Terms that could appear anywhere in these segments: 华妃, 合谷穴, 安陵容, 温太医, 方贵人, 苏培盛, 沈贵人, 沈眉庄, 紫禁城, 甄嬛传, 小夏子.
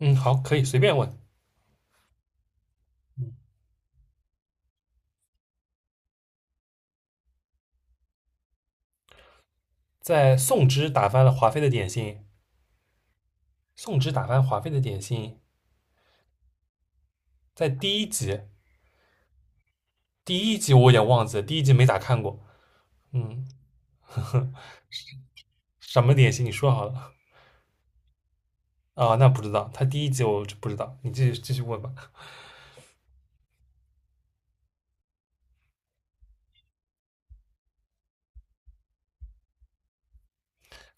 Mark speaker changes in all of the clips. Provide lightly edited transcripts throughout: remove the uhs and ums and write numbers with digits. Speaker 1: 嗯，好，可以随便问。嗯，在宋之打翻了华妃的点心，宋之打翻华妃的点心，在第一集，第一集我有点忘记了，第一集没咋看过。嗯，什么点心？你说好了啊？那不知道，他第一集我就不知道，你继续问吧。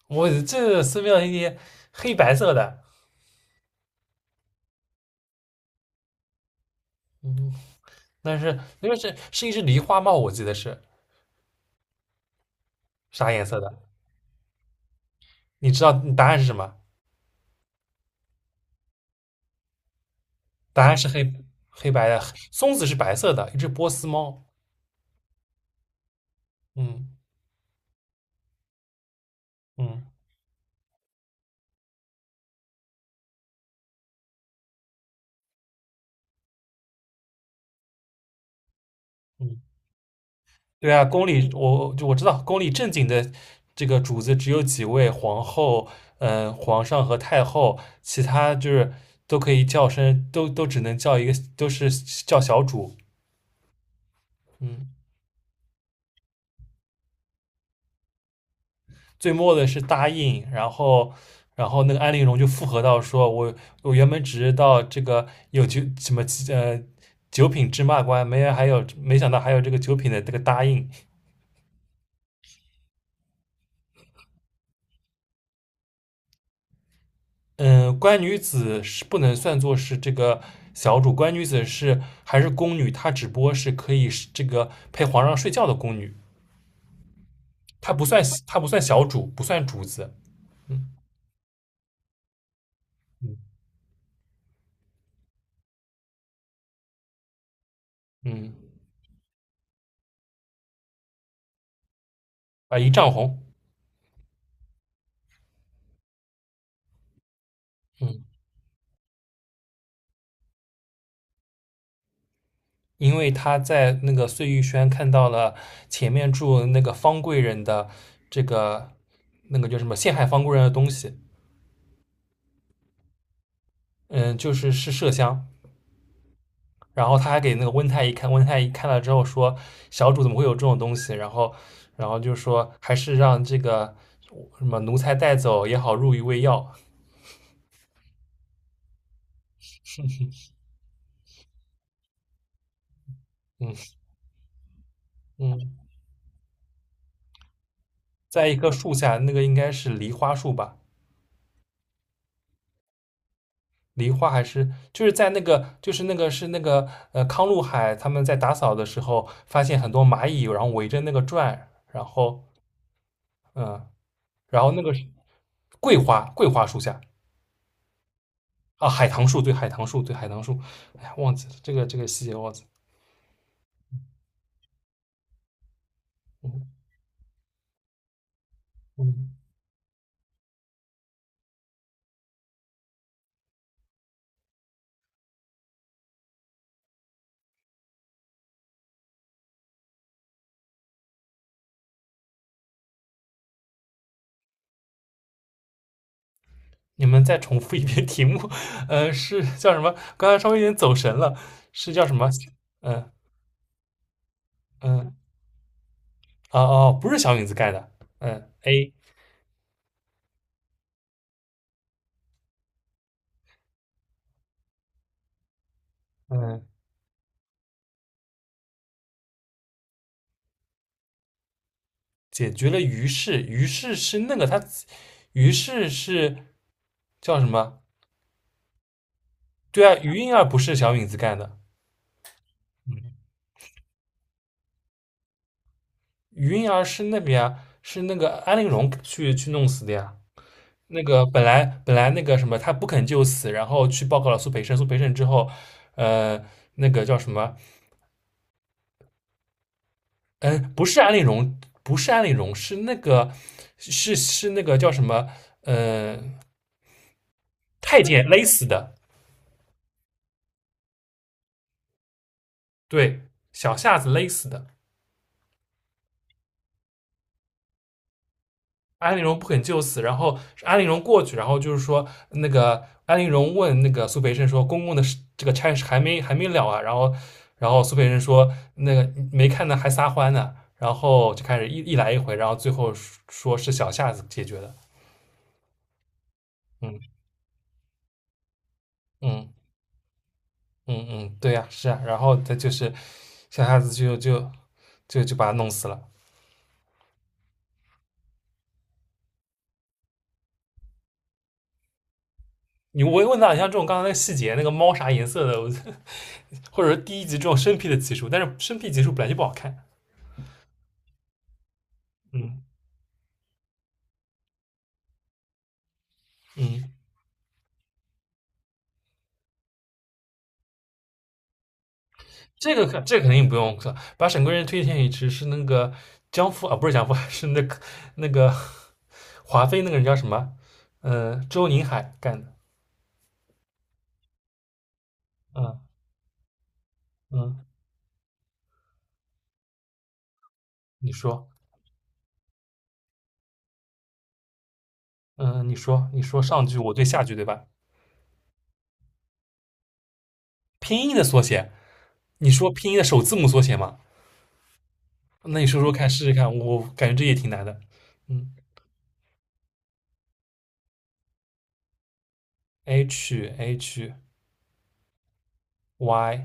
Speaker 1: 我这寺庙一些黑白色的，嗯，但是那个是一只梨花帽，我记得是啥颜色的？你知道你答案是什么？答案是黑白的，松子是白色的，一只波斯猫。嗯嗯嗯。对啊，宫里我知道，宫里正经的这个主子只有几位，皇后、嗯、皇上和太后，其他就是都可以叫声，都只能叫一个，都是叫小主。嗯，最末的是答应，然后那个安陵容就附和到说，我原本只知道这个有九什么呃九品芝麻官，没还有没想到还有这个九品的这个答应。嗯，官女子是不能算作是这个小主，官女子是还是宫女，她只不过是可以是这个陪皇上睡觉的宫女，她不算小主，不算主子。嗯嗯嗯，啊，一丈红。嗯，因为她在那个碎玉轩看到了前面住那个方贵人的这个那个叫什么陷害方贵人的东西，嗯，就是麝香。然后他还给那个温太医看，温太医看了之后说，小主怎么会有这种东西？然后，然后就说还是让这个什么奴才带走也好，入一喂药。嗯嗯，在一棵树下，那个应该是梨花树吧？梨花还是就是在那个就是那个是那个康禄海他们在打扫的时候发现很多蚂蚁，然后围着那个转，然后嗯，然后那个是桂花树下。啊，海棠树，对，海棠树，对，海棠树。哎呀，忘记了这个细节忘记了。嗯，你们再重复一遍题目，是叫什么？刚才稍微有点走神了，是叫什么？嗯嗯，哦哦，不是小影子盖的。嗯，A，嗯，解决了于是，于是是那个他，于是是叫什么？对啊，于莺儿不是小影子干的，于莺儿是那边啊，是那个安陵容去弄死的呀。那个本来那个什么，他不肯就死，然后去报告了苏培盛。苏培盛之后，呃，那个叫什么？嗯，不是安陵容，不是安陵容，是那个是那个叫什么？呃，太监勒死的，对，小夏子勒死的。安陵容不肯就死，然后安陵容过去，然后就是说那个安陵容问那个苏培盛说：“公公的事这个差事还没了啊？”然后苏培盛说：“那个没看呢，还撒欢呢。”然后就开始一来一回，然后最后说是小夏子解决的。嗯嗯嗯嗯，对呀、是啊。然后他就是小夏子就把他弄死了。你我问到你像这种刚才那个细节，那个猫啥颜色的，我 或者说第一集这种生僻的集数，但是生僻集数本来就不好看。嗯嗯，这个可这个肯定不用可把沈贵人推荐给只是那个江父啊，不是江父，是那个华妃那个人叫什么？周宁海干的。嗯嗯，你说，嗯，你说，你说上句我对下句对吧？拼音的缩写，你说拼音的首字母缩写嘛？那你说说看，试试看，我感觉这也挺难的。嗯，H H Y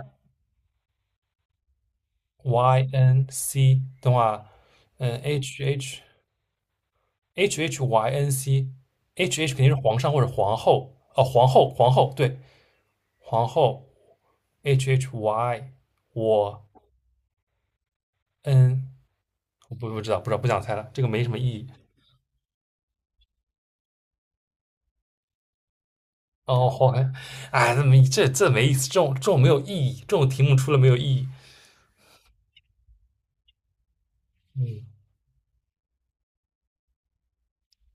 Speaker 1: Y N C，等会儿啊，嗯，H H H H Y N C，H H H 肯定是皇上或者皇后，哦，皇后，皇后，对，皇后，H H Y，我嗯，我不知道，不知道，不想猜了，这个没什么意义。哦，好，哎，这没这这没意思，这种没有意义，这种题目出了没有意义。嗯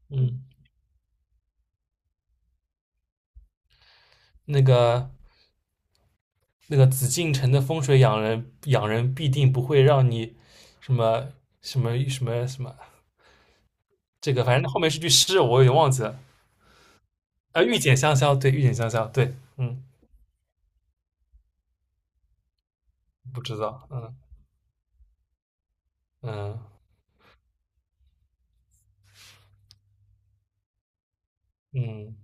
Speaker 1: 嗯，那个那个紫禁城的风水养人必定不会让你什么什么什么什么，这个反正后面是句诗，我有点忘记了。啊，御姐香消，对，御姐香消，对，嗯，不知道，嗯嗯嗯，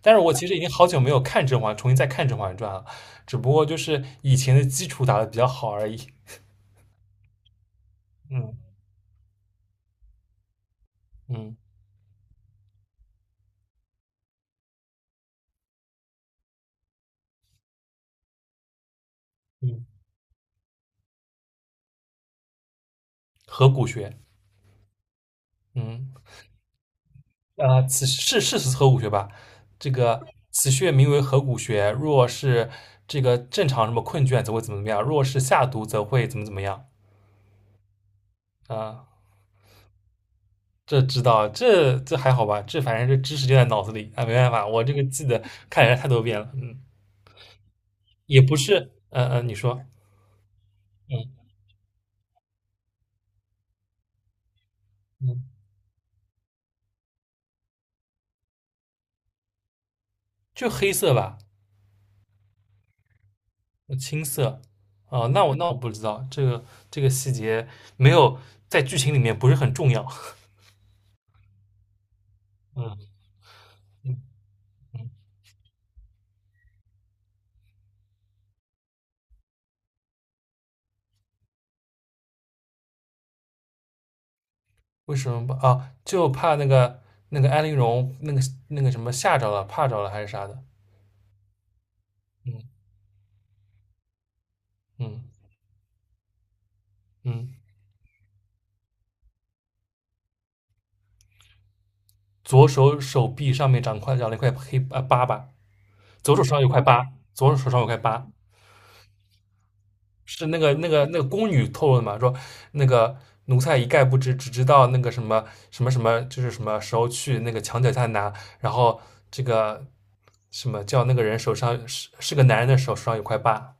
Speaker 1: 但是我其实已经好久没有看《甄嬛》，重新再看《甄嬛传》了，只不过就是以前的基础打得比较好而已，嗯嗯嗯，合谷穴，嗯，此是合谷穴吧？这个此穴名为合谷穴，若是这个正常什么困倦，则会怎么怎么样；若是下毒，则会怎么怎么样啊、这知道，这还好吧？这反正这知识就在脑子里，啊，没办法，我这个记得看人家太多遍了，嗯，也不是，嗯嗯，你说，嗯嗯，就黑色吧，青色，哦，那我不知道，这个细节没有在剧情里面不是很重要，嗯，嗯为什么不啊？就怕那个那个安陵容那个什么吓着了，怕着了还是啥的，嗯嗯嗯，左手手臂上面长块长了一块黑啊疤吧。左手上有块疤，左手手上有块疤，是那个宫女透露的嘛？说那个奴才一概不知，只知道那个什么什么什么，就是什么时候去那个墙脚下拿，然后这个什么叫那个人手上是个男人的手上有块疤，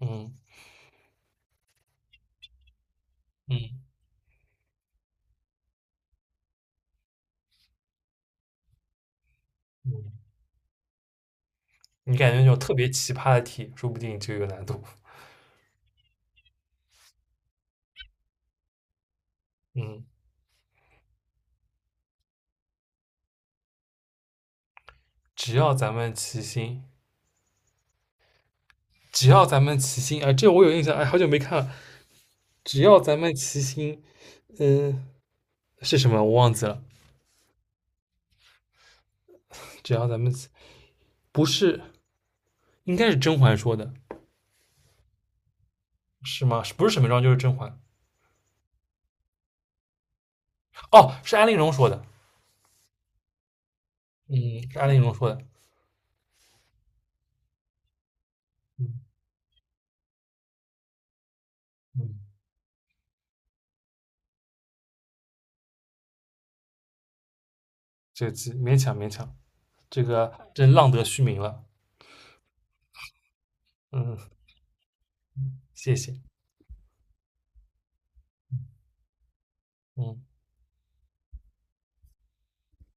Speaker 1: 嗯嗯，你感觉那种特别奇葩的题，说不定就有难度，嗯，只要咱们齐心。只要咱们齐心，啊！这我有印象，哎，好久没看了。只要咱们齐心，嗯、是什么？我忘记了。只要咱们不是，应该是甄嬛说的，是吗？不是沈眉庄就是甄嬛。哦，是安陵容说的，嗯，是安陵容说的，嗯嗯，这个勉强勉强，这个真浪得虚名了，嗯，谢谢，嗯。